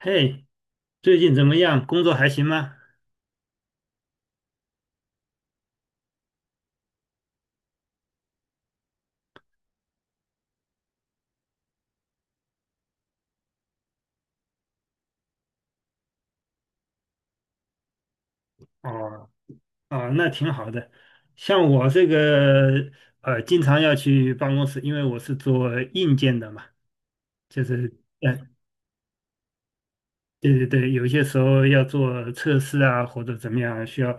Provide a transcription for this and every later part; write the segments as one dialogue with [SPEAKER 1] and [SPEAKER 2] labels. [SPEAKER 1] 嘿，最近怎么样？工作还行吗？哦，啊，那挺好的。像我这个经常要去办公室，因为我是做硬件的嘛，就是呃，对对对，有些时候要做测试啊，或者怎么样，需要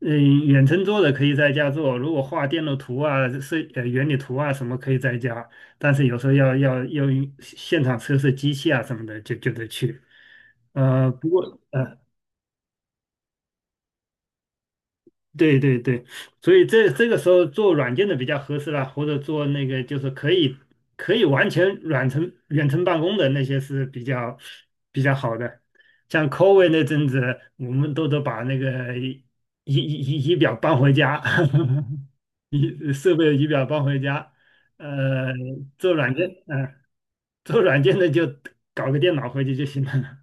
[SPEAKER 1] 远程做的可以在家做，如果画电路图啊、原理图啊什么可以在家，但是有时候要用现场测试机器啊什么的，就得去。呃，不过。呃。对对对，所以这个时候做软件的比较合适啦，或者做那个就是可以完全远程办公的那些是比较好的。像 COVID 那阵子，我们都得把那个仪表搬回家，设备仪表搬回家。呃，做软件，嗯、做软件的就搞个电脑回去就行了。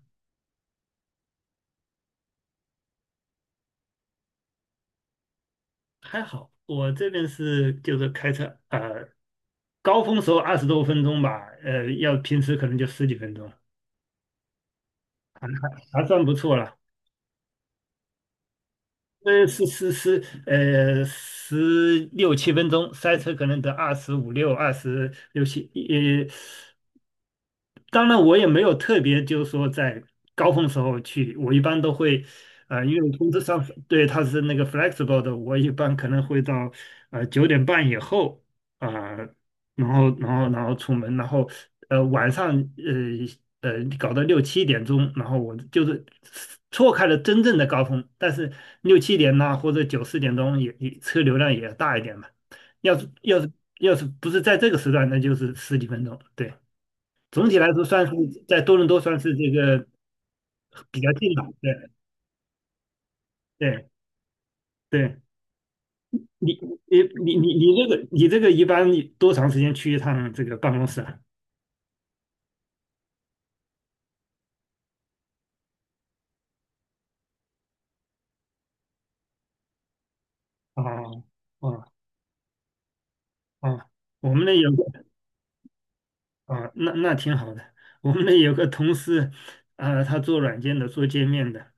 [SPEAKER 1] 还好我这边就是开车，高峰时候20多分钟吧，要平时可能就十几分钟，还算不错了。是是是，十六七分钟，塞车可能得二十五六、二十六七，当然，我也没有特别，就是说在高峰时候去，我一般都会，因为工资上对它是那个 flexible 的，我一般可能会到9点半以后啊、呃然后出门，然后晚上搞到六七点钟，然后我就是错开了真正的高峰，但是六七点呐、或者九四点钟也车流量也大一点嘛，要是要是要是不是在这个时段，那就是十几分钟，对。总体来说算是在多伦多算是这个比较近吧。对对对，你你你这个一般多长时间去一趟这个办公室啊？哦哦哦，我们那有个啊，那挺好的。我们那有个同事，他做软件的，做界面的，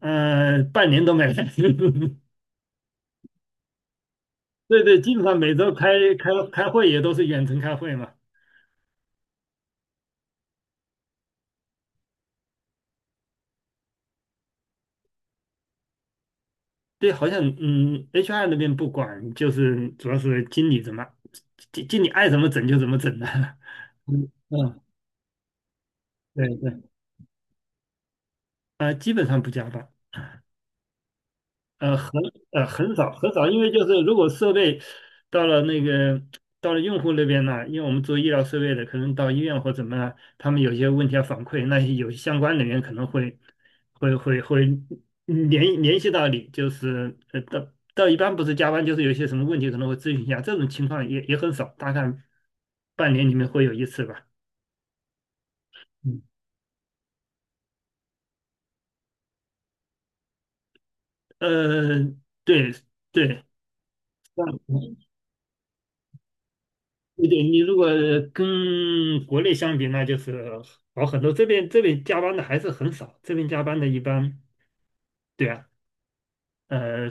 [SPEAKER 1] 半年都没来。对对，基本上每周开会也都是远程开会嘛。对，好像HR 那边不管，就是主要是经理怎么，经理爱怎么整就怎么整的，嗯嗯，对对，基本上不加班。呃，很很少很少，因为就是如果设备到了那个到了用户那边呢，因为我们做医疗设备的，可能到医院或怎么，他们有些问题要反馈，那些有相关人员可能会联系到你，就是呃到到一般不是加班，就是有一些什么问题可能会咨询一下，这种情况也很少，大概半年里面会有一次吧。嗯，呃，对对。对对，你如果跟国内相比，那就是好很多。这边加班的还是很少，这边加班的一般，对啊，呃，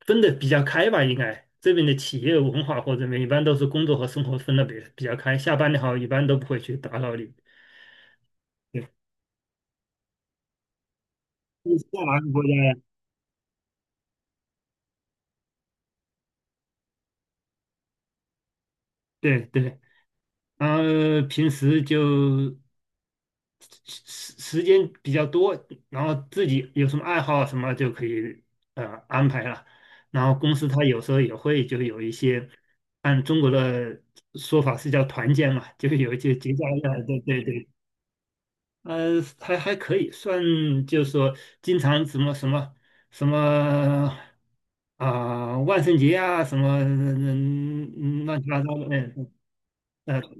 [SPEAKER 1] 分的比较开吧，应该这边的企业文化或者什么，一般都是工作和生活分的比较开。下班的话，一般都不会去打扰你。对，你是在哪个国家呀？对对。然后平时就时间比较多，然后自己有什么爱好什么就可以安排了。然后公司它有时候也会就有一些，按中国的说法是叫团建嘛，就有一些节假日啊对对对，还可以算，就是说经常什么啊、万圣节啊，什么乱七八糟的，嗯。嗯。呃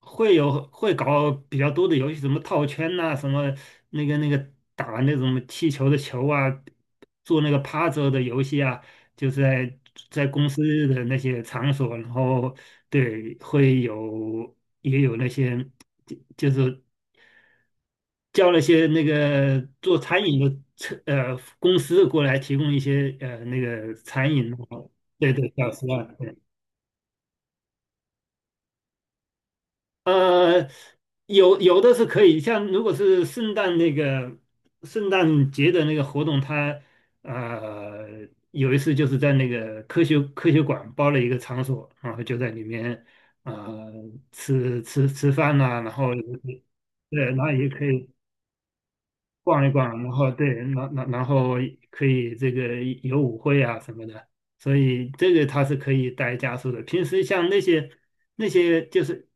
[SPEAKER 1] 会搞比较多的游戏，什么套圈呐、什么那个打那种气球的球啊，做那个趴着的游戏啊，就是在公司的那些场所，然后对也有那些就是叫那些那个做餐饮的公司过来提供一些那个餐饮啊，然后对对小吃啊，呃，有的是可以，像如果是圣诞节的那个活动，它有一次就是在那个科学馆包了一个场所，然后就在里面呃吃饭呐、然后对，然后也可以逛一逛，然后对，然后可以这个有舞会啊什么的，所以这个它是可以带家属的。平时像那些就是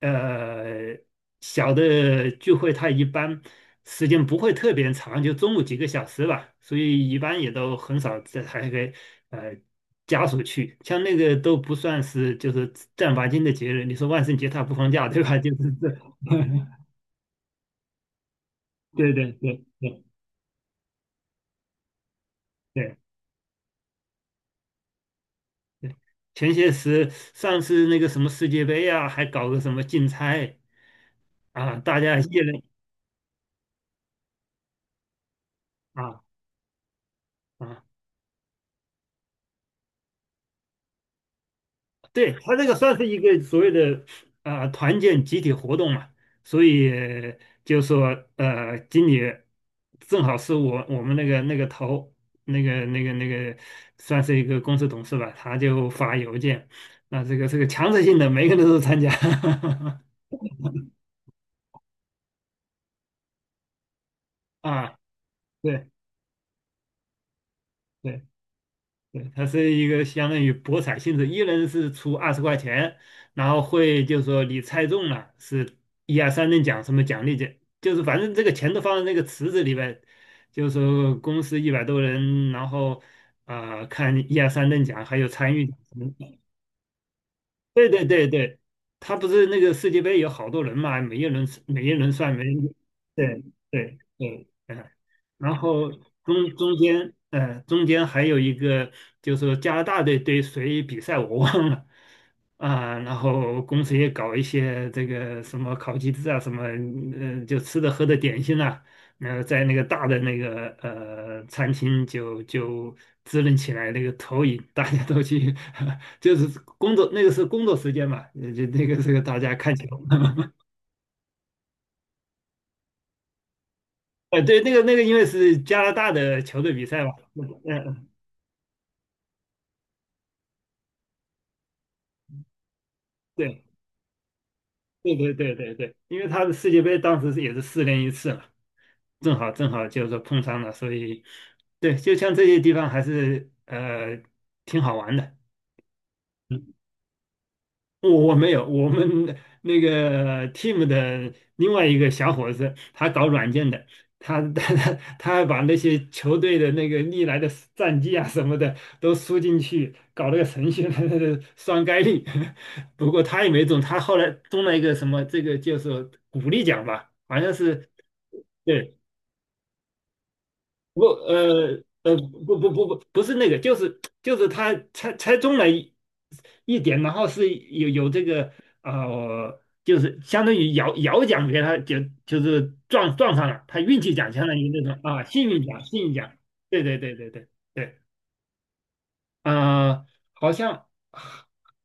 [SPEAKER 1] 呃小的聚会，它一般时间不会特别长，就中午几个小时吧，所以一般也都很少这还给呃家属去。像那个都不算是就是正儿八经的节日，你说万圣节它不放假对吧？就是这，对对对对对。对，前些时上次那个什么世界杯啊，还搞个什么竞猜啊，大家议论啊啊，对，他这个算是一个所谓的啊团建集体活动嘛，所以就说经理正好是我们那个头那个算是一个公司董事吧，他就发邮件，那这个强制性的每个人都参加 啊，对。对对，它是一个相当于博彩性质，一人是出20块钱，然后会就是说你猜中了是一二三等奖什么奖励奖，就是反正这个钱都放在那个池子里边，就是说公司100多人，然后看一二三等奖还有参与奖，对对对对，他不是那个世界杯有好多人嘛，每一轮每一轮算每一轮，对对对，嗯，然后中间还有一个就是说加拿大队对谁比赛我忘了啊，然后公司也搞一些这个什么烤鸡翅啊什么，就吃的喝的点心啊。那在那个大的那个餐厅就支棱起来那个投影，大家都去，就是工作时间嘛，就那个是大家看球，对，那个因为是加拿大的球队比赛嘛，嗯对对对对对对，因为他的世界杯当时是也是4年一次嘛，正好就是说碰上了，所以对，就像这些地方还是挺好玩的。我没有，我们那个 team 的另外一个小伙子，他搞软件的，他他他他还把那些球队的那个历来的战绩啊什么的都输进去，搞了个程序来来来双 概率。不过他也没中，他后来中了一个什么，这个就是鼓励奖吧，好像是。对。不，不不不不，不是那个，就是猜中了一点，然后是有这个就是相当于摇摇奖给他，就是撞撞上了，他运气奖相当于那种啊幸运奖，幸运奖，对对对对对对，呃，好像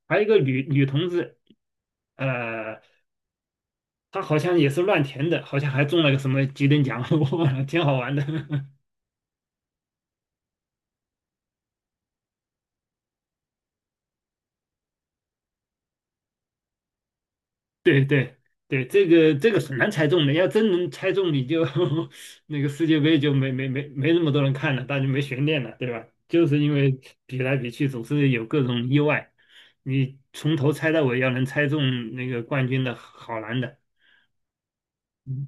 [SPEAKER 1] 还有一个女同志，呃，她好像也是乱填的，好像还中了个什么几等奖，我忘了，挺好玩的。对对对，这个很难猜中的，要真能猜中，你就 那个世界杯就没那么多人看了，大家没悬念了，对吧？就是因为比来比去总是有各种意外，你从头猜到尾，要能猜中那个冠军的好难的。嗯，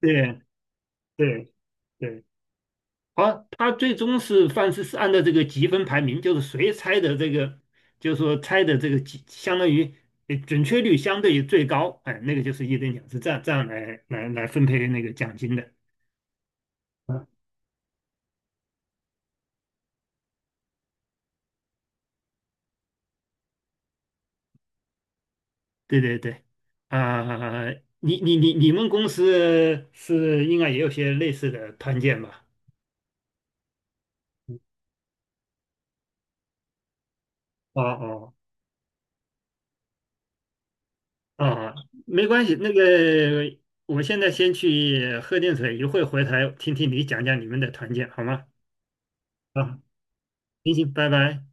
[SPEAKER 1] 对对对。好，他最终是范式是按照这个积分排名，就是谁猜的这个，就是说猜的这个积，相当于准确率相对于最高，哎，那个就是一等奖，是这样来分配那个奖金的。啊，对对对，啊、你你们公司是应该也有些类似的团建吧？哦哦哦，没关系，那个我现在先去喝点水，一会儿回来听听你讲讲你们的团建好吗？啊，行行，拜拜。